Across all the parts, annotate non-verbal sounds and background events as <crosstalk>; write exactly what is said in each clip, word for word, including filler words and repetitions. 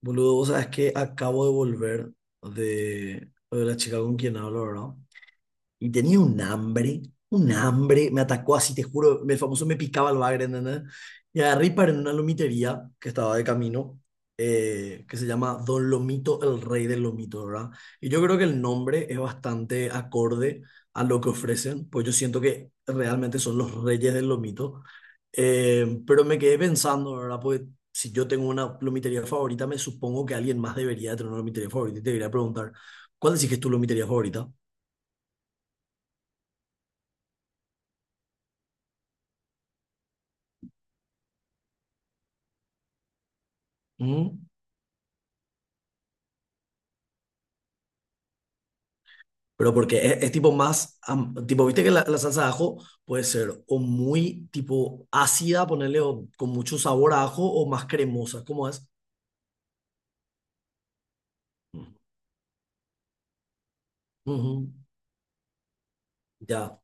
Boludo, vos sabés que acabo de volver de, de la chica con quien hablo, ¿verdad? Y tenía un hambre, un hambre, me atacó así, te juro, el famoso me picaba el bagre, ¿entendés? Y agarré y paré en una lomitería que estaba de camino, eh, que se llama Don Lomito, el rey del lomito, ¿verdad? Y yo creo que el nombre es bastante acorde a lo que ofrecen, pues yo siento que realmente son los reyes del lomito. Eh, pero me quedé pensando, ¿verdad? Pues si yo tengo una lomitería favorita, me supongo que alguien más debería de tener una lomitería favorita y te debería preguntar, ¿cuál decís que es tu lomitería favorita? Mm. Pero porque es, es tipo más, am- tipo, viste que la, la salsa de ajo puede ser o muy tipo ácida, ponerle con mucho sabor a ajo, o más cremosa, ¿cómo es? Ujú, ya,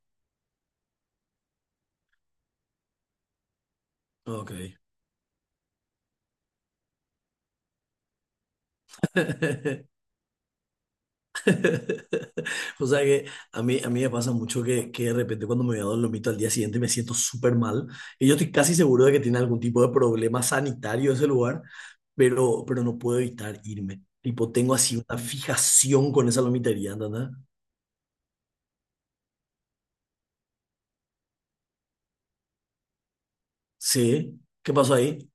ok. <laughs> O sea que a mí, a mí me pasa mucho que, que de repente cuando me voy a Dolomito al día siguiente me siento súper mal y yo estoy casi seguro de que tiene algún tipo de problema sanitario ese lugar, pero, pero no puedo evitar irme. Tipo, tengo así una fijación con esa lomitería, ¿entendés? Sí, ¿qué pasó ahí?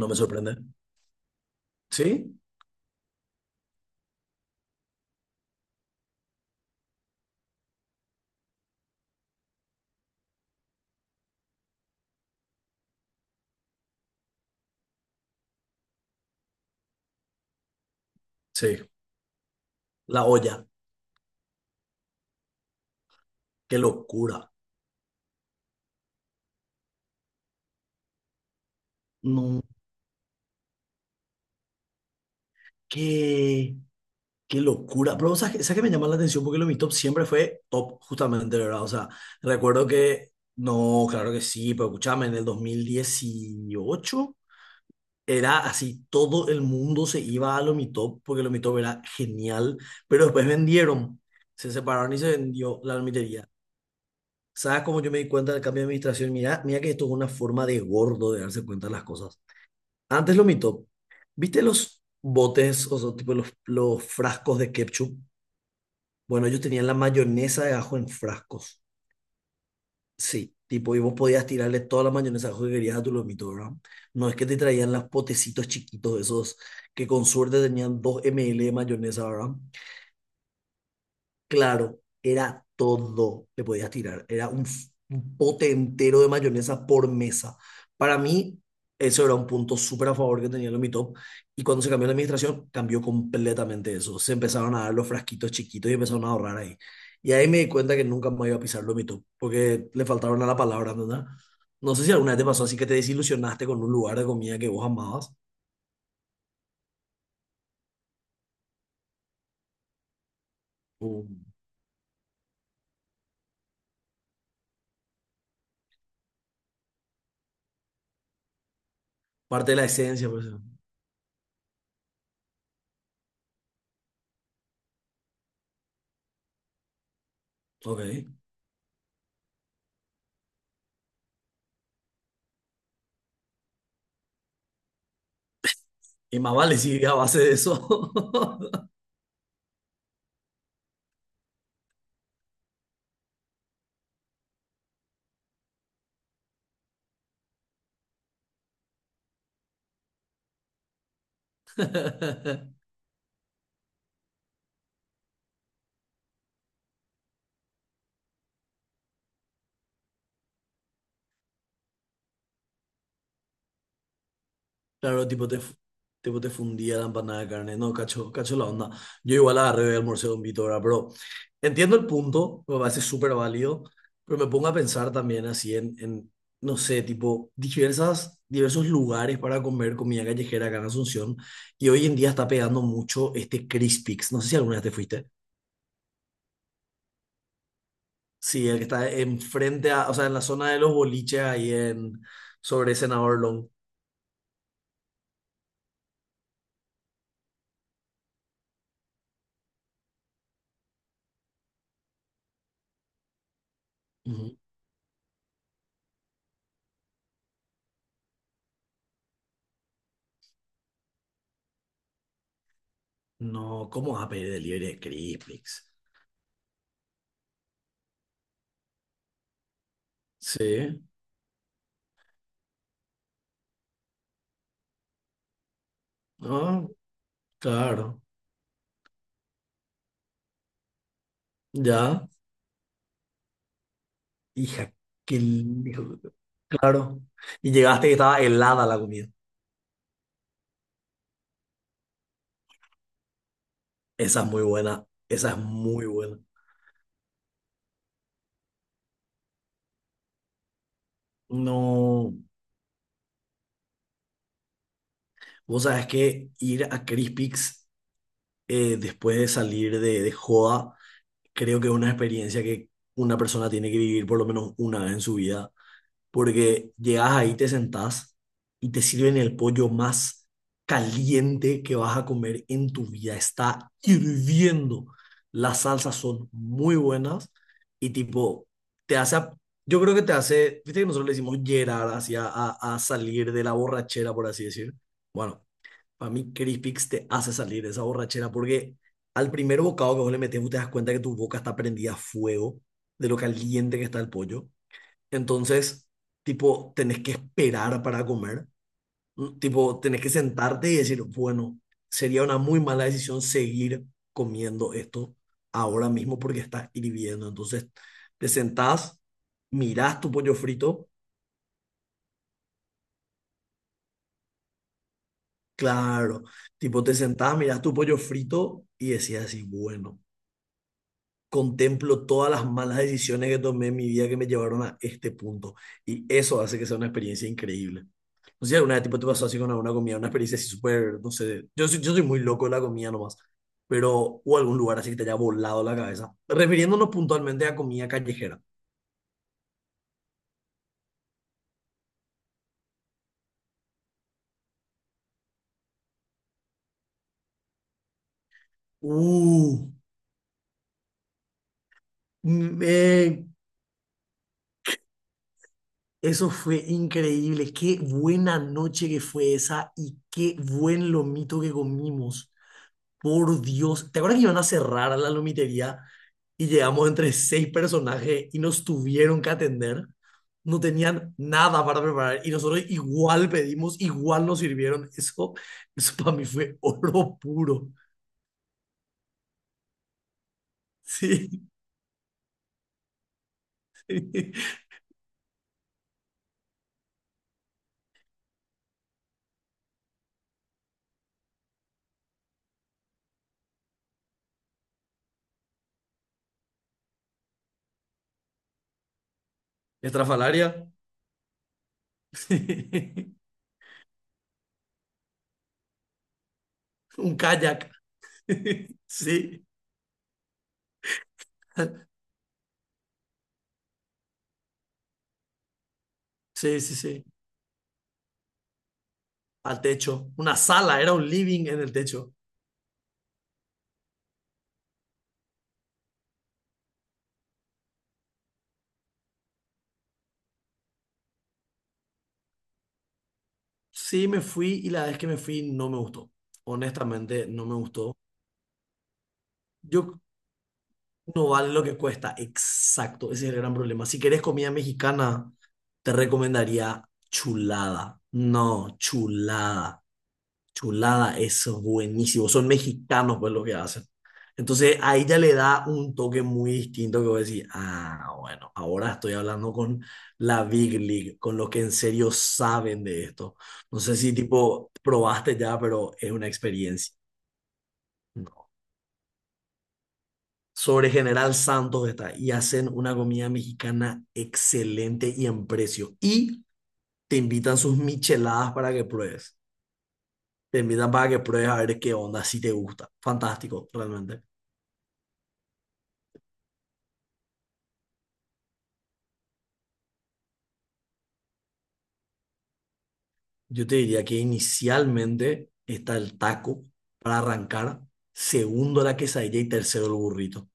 No me sorprende. ¿Sí? Sí, la olla. Qué locura. No, qué, qué locura. Pero, ¿sabes, qué sabes qué me llama la atención? Porque lo de mi top siempre fue top, justamente, ¿verdad? O sea, recuerdo que, no, claro que sí, pero escúchame, en el dos mil dieciocho era así, todo el mundo se iba a lo mi top porque lo mi top era genial, pero después vendieron, se separaron y se vendió la almitería. ¿Sabes cómo yo me di cuenta del cambio de administración? Mira, mira que esto es una forma de gordo de darse cuenta de las cosas. Antes lo mito. ¿Viste los botes, o sea, tipo los, los frascos de ketchup? Bueno, ellos tenían la mayonesa de ajo en frascos. Sí, tipo, y vos podías tirarle toda la mayonesa de ajo que querías a tu lomito, ¿verdad? No es que te traían los potecitos chiquitos esos que con suerte tenían dos ml de mayonesa, ¿verdad? Claro, era todo le podías tirar. Era un, f- un pote entero de mayonesa por mesa. Para mí, eso era un punto súper a favor que tenía lo Mi Top. Y cuando se cambió la administración, cambió completamente eso. Se empezaron a dar los frasquitos chiquitos y empezaron a ahorrar ahí. Y ahí me di cuenta que nunca más iba a pisar lo Mi Top, porque le faltaron a la palabra, ¿entendés? No sé si alguna vez te pasó así que te desilusionaste con un lugar de comida que vos amabas. O parte de la esencia, pues. Ok. Y más vale si a base de eso. <laughs> <laughs> Claro, tipo te, fu- tipo te fundía la empanada de carne. No, cacho, cacho la onda. Yo igual agarré el almorcé con Vito, ¿verdad? Pero entiendo el punto, me parece súper válido, pero me pongo a pensar también así en, en, no sé, tipo diversas, diversos lugares para comer comida callejera acá en Asunción. Y hoy en día está pegando mucho este Crispix. No sé si alguna vez te fuiste. Sí, el que está enfrente a, o sea, en la zona de los boliches ahí en, sobre Senador Long. No, ¿cómo vas a pedir delivery de Crispix? Sí, ah, claro, ya. Hija, qué lindo. Claro. Y llegaste y estaba helada la comida. Esa es muy buena, esa es muy buena. No, vos sabés que ir a Crispix eh, después de salir de, de joda, creo que es una experiencia que una persona tiene que vivir por lo menos una vez en su vida porque llegas ahí, te sentás y te sirven el pollo más caliente que vas a comer en tu vida. Está hirviendo. Las salsas son muy buenas y tipo, te hace, a- yo creo que te hace, viste que nosotros le decimos llerar hacia a, a salir de la borrachera, por así decir. Bueno, para mí Crispix te hace salir de esa borrachera porque al primer bocado que vos le metes, vos te das cuenta que tu boca está prendida a fuego de lo caliente que está el pollo. Entonces, tipo, tenés que esperar para comer, ¿no? Tipo, tenés que sentarte y decir, bueno, sería una muy mala decisión seguir comiendo esto ahora mismo porque está hirviendo. Entonces, te sentás, mirás tu pollo frito. Claro, tipo, te sentás, mirás tu pollo frito y decías así, bueno, contemplo todas las malas decisiones que tomé en mi vida que me llevaron a este punto. Y eso hace que sea una experiencia increíble. No sé si alguna vez tipo, te pasó así con alguna comida, una experiencia así súper, no sé, yo soy, yo soy muy loco de la comida nomás, pero o algún lugar así que te haya volado la cabeza. Refiriéndonos puntualmente a comida callejera. Uh, me- Eso fue increíble, qué buena noche que fue esa y qué buen lomito que comimos. Por Dios, ¿te acuerdas que iban a cerrar la lomitería y llegamos entre seis personajes y nos tuvieron que atender? No tenían nada para preparar y nosotros igual pedimos, igual nos sirvieron. Eso, eso para mí fue oro puro. Sí. <laughs> Estrafalaria. Sí. Un kayak. <laughs> Sí. Sí, sí, sí. Al techo. Una sala, era un living en el techo. Sí, me fui y la vez que me fui no me gustó. Honestamente, no me gustó. Yo No vale lo que cuesta, exacto, ese es el gran problema. Si querés comida mexicana, te recomendaría chulada. No, chulada. Chulada es buenísimo. Son mexicanos, pues, lo que hacen. Entonces, ahí ya le da un toque muy distinto que voy a decir, ah, bueno, ahora estoy hablando con la Big League, con los que en serio saben de esto. No sé si, tipo, probaste ya, pero es una experiencia. Sobre General Santos está, y hacen una comida mexicana excelente y en precio. Y te invitan sus micheladas para que pruebes. Te invitan para que pruebes a ver qué onda, si te gusta. Fantástico, realmente. Yo te diría que inicialmente está el taco para arrancar, segundo la quesadilla y tercero el burrito.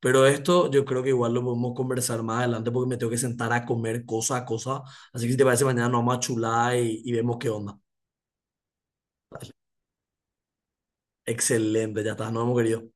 Pero esto yo creo que igual lo podemos conversar más adelante porque me tengo que sentar a comer cosa a cosa. Así que si te parece, mañana nos vamos a chular y, y vemos qué onda. Excelente, ya está, nos hemos querido.